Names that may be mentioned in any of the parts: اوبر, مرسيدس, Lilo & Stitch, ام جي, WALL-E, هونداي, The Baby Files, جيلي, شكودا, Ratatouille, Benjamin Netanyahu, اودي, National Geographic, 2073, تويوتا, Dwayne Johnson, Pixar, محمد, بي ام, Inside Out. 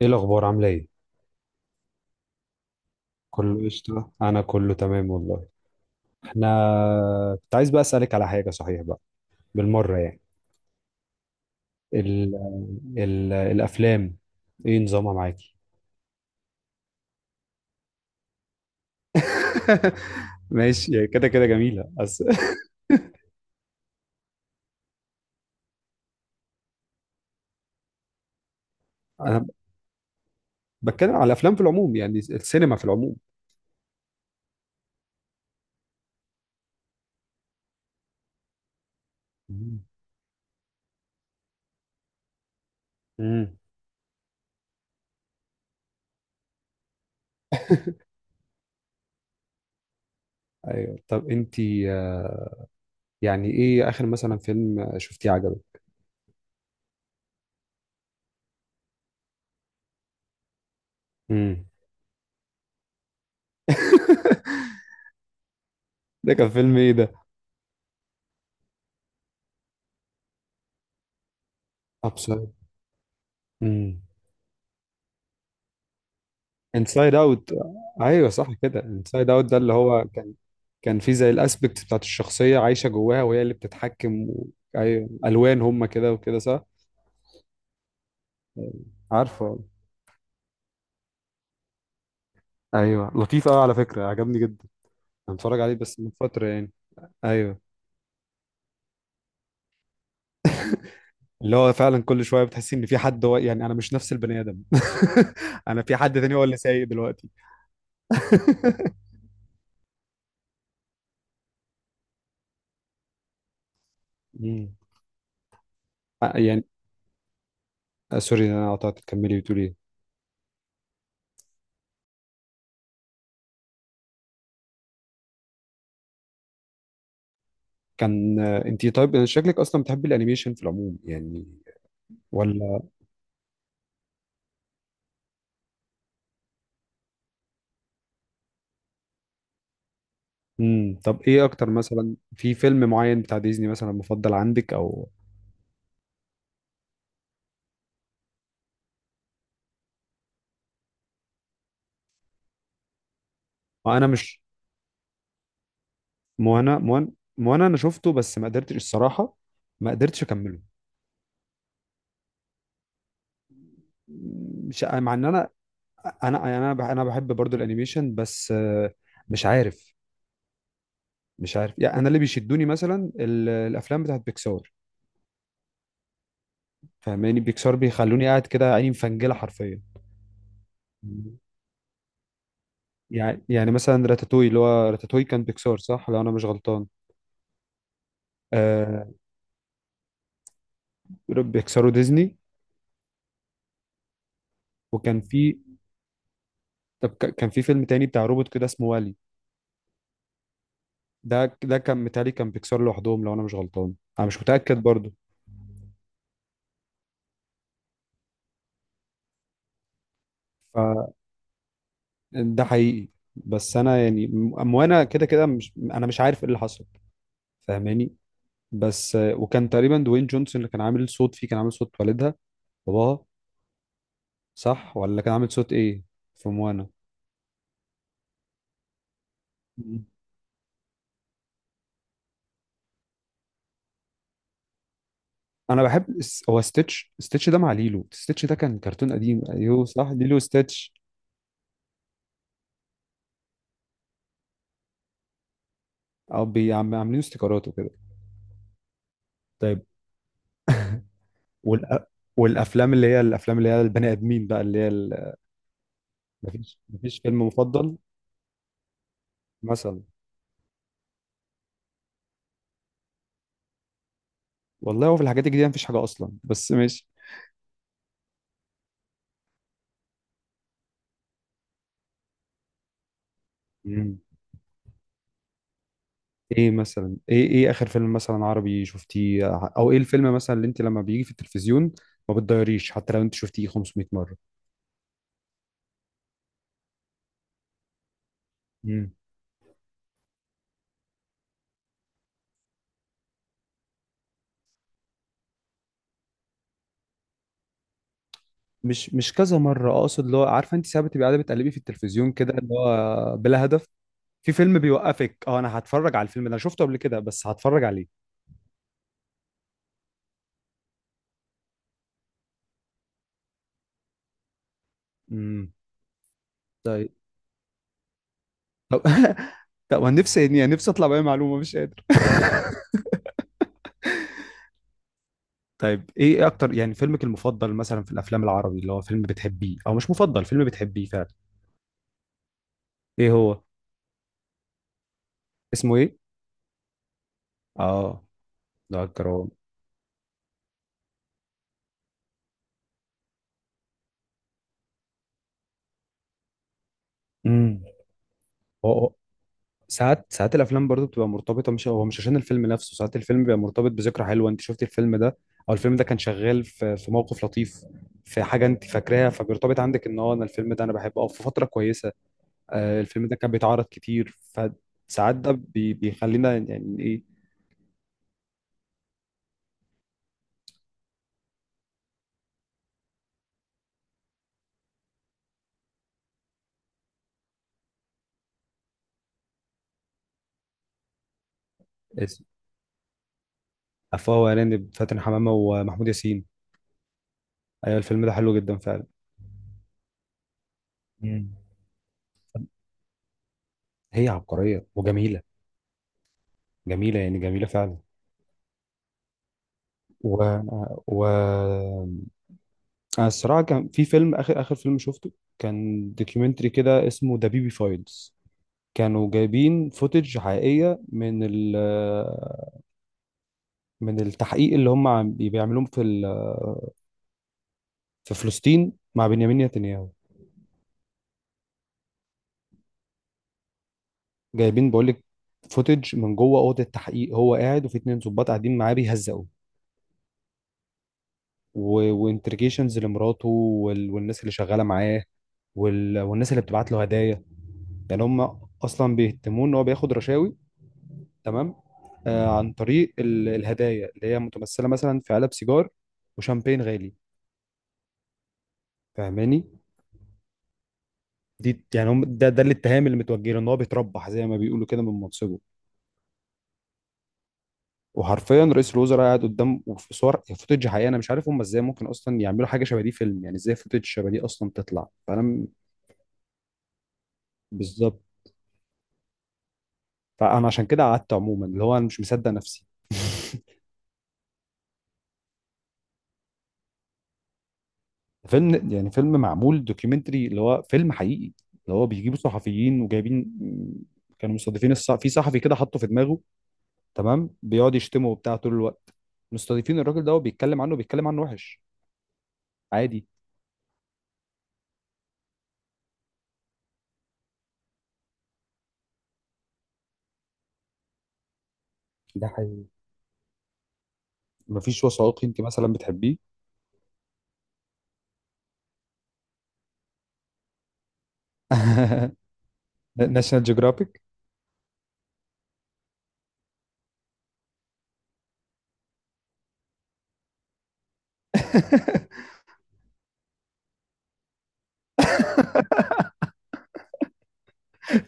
ايه الاخبار؟ عامله ايه؟ كله قشطة، انا كله تمام والله. احنا كنت عايز بقى اسالك على حاجه صحيح بقى، بالمره يعني. ال... الافلام، ايه نظامها معاكي؟ ماشي يعني، كده كده جميلة بس. انا بتكلم على الافلام في العموم، يعني السينما في العموم. امم ايوه. طب انتي، يعني ايه اخر مثلا فيلم شفتيه عجبك؟ امم ده كان فيلم ايه ده؟ ابسط. انسايد اوت. ايوه صح كده، انسايد اوت ده اللي هو كان. كان فيه زي الاسبكت بتاعت الشخصيه عايشه جواها، وهي اللي بتتحكم و... ايوه الوان، هم كده وكده صح. عارفه. ايوه لطيف قوي على فكره، عجبني جدا. انا اتفرج عليه بس من فتره يعني. ايوه، اللي هو فعلا كل شويه بتحس ان في حد، هو يعني انا مش نفس البني ادم. انا في حد تاني هو اللي سايق دلوقتي. مم. يعني، آه، سوري إن انا قطعت، تكملي بتقولي إيه. كان، انتي طيب شكلك اصلا بتحبي الانيميشن في العموم يعني، ولا؟ طب ايه اكتر مثلا في فيلم معين بتاع ديزني مثلا مفضل عندك، او... ما انا مش... موانا. موانا انا شفته بس ما قدرتش الصراحه، ما قدرتش اكمله. مش مع ان انا بحب برضو الانيميشن، بس مش عارف. مش عارف يعني، انا اللي بيشدوني مثلا الافلام بتاعت بيكسار. فاهماني؟ بيكسار بيخلوني قاعد كده عيني مفنجله حرفيا. مم. يعني مثلا راتاتوي، اللي هو راتاتوي كان بيكسار صح لو انا مش غلطان. آه، بيكسار وديزني. وكان في... طب كان في فيلم تاني بتاع روبوت كده اسمه والي. ده كان متهيألي كان بيكسر لوحدهم لو انا مش غلطان، انا مش متأكد برضو. فده حقيقي. بس انا يعني وانا كده كده مش، انا مش عارف ايه اللي حصل. فاهماني؟ بس، وكان تقريبا دوين جونسون اللي كان عامل صوت فيه، كان عامل صوت والدها، باباها. صح ولا كان عامل صوت ايه في موانا؟ مم. انا بحب هو ستيتش ده مع ليلو ستيتش، ده كان كرتون قديم. ايوه صح، ليلو ستيتش. او عاملين استيكرات وكده. طيب. والأ... والافلام اللي هي البني ادمين بقى، اللي هي ال... مفيش، فيلم مفضل مثلا؟ والله هو في الحاجات الجديده مفيش حاجه اصلا، بس ماشي. مم. ايه مثلا، ايه اخر فيلم مثلا عربي شفتيه؟ او ايه الفيلم مثلا اللي انت لما بيجي في التلفزيون ما بتضيريش حتى لو انت شفتيه 500 مره؟ مم. مش كذا مره اقصد، اللي هو عارفه انت ساعات بتبقى قاعده بتقلبي في التلفزيون كده اللي هو بلا هدف، في فيلم بيوقفك: اه انا هتفرج على الفيلم ده، انا شفته قبل كده بس هتفرج عليه. امم طيب. طب طب انا نفسي يعني، نفسي اطلع باي معلومه مش قادر. طيب ايه اكتر يعني فيلمك المفضل مثلا في الافلام العربي، اللي هو فيلم بتحبيه، او مش مفضل، فيلم بتحبيه فعلا؟ ايه هو؟ اسمه ايه؟ اه ده الجرام. امم هو، ساعات، الافلام برضو بتبقى مرتبطه. مش هو مش عشان الفيلم نفسه، ساعات الفيلم بيبقى مرتبط بذكرى حلوه. انت شفتي الفيلم ده او الفيلم ده كان شغال في في موقف لطيف، في حاجه انت فاكراها، فبيرتبط عندك ان هو، انا الفيلم ده انا بحبه. او في فتره كويسه آه الفيلم ده كان بيتعرض كتير، فساعات ده بيخلينا يعني إيه، اسم عفوا وهلاني بفاتن حمامة ومحمود ياسين. ايوه الفيلم ده حلو جدا فعلا. مم. هي عبقرية وجميلة، جميلة يعني جميلة فعلا. و و أنا الصراحة، كان في فيلم، آخر آخر فيلم شفته كان دوكيومنتري كده اسمه ذا بيبي فايلز. كانوا جايبين فوتج حقيقية من ال... من التحقيق اللي هم بيعملوه في في فلسطين مع بنيامين نتنياهو. جايبين، بقول لك، فوتج من جوه اوضه التحقيق. هو قاعد وفي اتنين ظباط قاعدين معاه بيهزقوا، وانترجيشنز لمراته والناس اللي شغاله معاه، والناس اللي بتبعت له هدايا. يعني هم اصلا بيهتمون ان هو بياخد رشاوي، تمام، آه عن طريق الهدايا اللي هي متمثله مثلا في علب سيجار وشامبين غالي. فاهماني؟ دي يعني، هم ده الاتهام اللي متوجه له، ان هو بيتربح زي ما بيقولوا كده من منصبه. وحرفيا رئيس الوزراء قاعد قدام، وفي صور فوتج حقيقي. انا مش عارف هم ازاي ممكن اصلا يعملوا حاجه شبه دي، فيلم يعني، ازاي فوتج شبه دي اصلا تطلع. فانا بالظبط. فانا عشان كده قعدت، عموما، اللي هو انا مش مصدق نفسي. فيلم يعني، فيلم معمول دوكيومنتري اللي هو فيلم حقيقي، اللي هو بيجيبوا صحفيين وجايبين. كانوا مستضيفين في صحفي كده حطه في دماغه، تمام، بيقعد يشتمه وبتاع طول الوقت. مستضيفين الراجل ده وبيتكلم عنه، بيتكلم عنه وحش، عادي. ده حقيقي. مفيش وثائقي انت مثلا بتحبيه؟ ناشونال جيوغرافيك.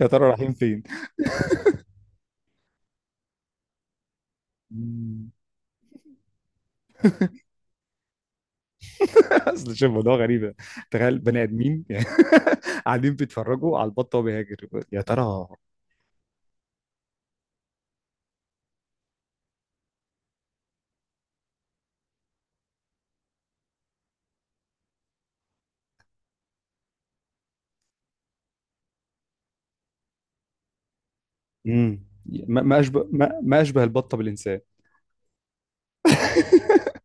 يا ترى رايحين فين. مم. اصل شوف الموضوع غريب، تخيل بني ادمين يعني قاعدين بيتفرجوا على البطه وهو بيهاجر، يا ترى. مم. ما اشبه البطه بالانسان.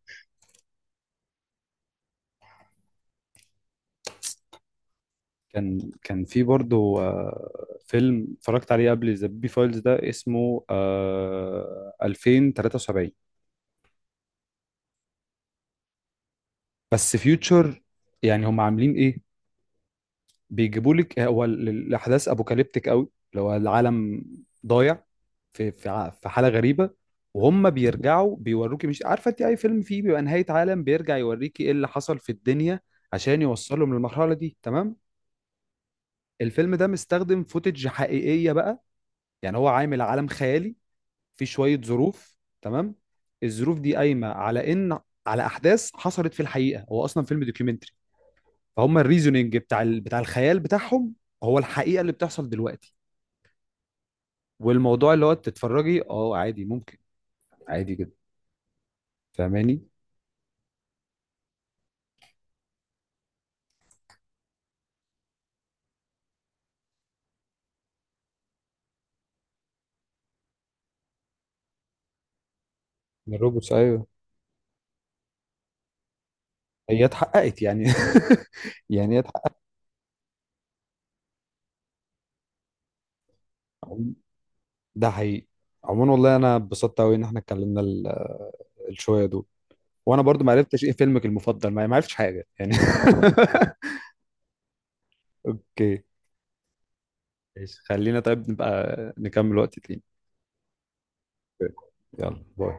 كان في برضه فيلم اتفرجت عليه قبل ذا بي فايلز، ده اسمه 2073. بس فيوتشر. يعني هم عاملين ايه؟ بيجيبوا لك، هو الاحداث ابوكاليبتيك قوي، لو العالم ضايع، في في حاله غريبه، وهم بيرجعوا بيوروكي. مش عارفه انت اي فيلم فيه بيبقى نهايه عالم، بيرجع يوريكي ايه اللي حصل في الدنيا عشان يوصلهم للمرحله دي، تمام. الفيلم ده مستخدم فوتج حقيقيه بقى، يعني هو عامل عالم خيالي في شويه ظروف، تمام. الظروف دي قايمه على ان، على احداث حصلت في الحقيقه. هو اصلا فيلم دوكيومنتري، فهم الريزونينج بتاع بتاع الخيال بتاعهم هو الحقيقه اللي بتحصل دلوقتي. والموضوع اللي هو تتفرجي، اه عادي ممكن، عادي جدا. فاهماني؟ من الروبوتس، ايوه. هي اتحققت يعني. يعني هي اتحققت. عم- ده حقيقي. عموما والله انا اتبسطت قوي ان احنا اتكلمنا الشويه دول، وانا برضو ما عرفتش ايه فيلمك المفضل، ما عرفتش حاجه يعني. اوكي. ماشي. خلينا طيب نبقى نكمل وقت تاني. يلا باي.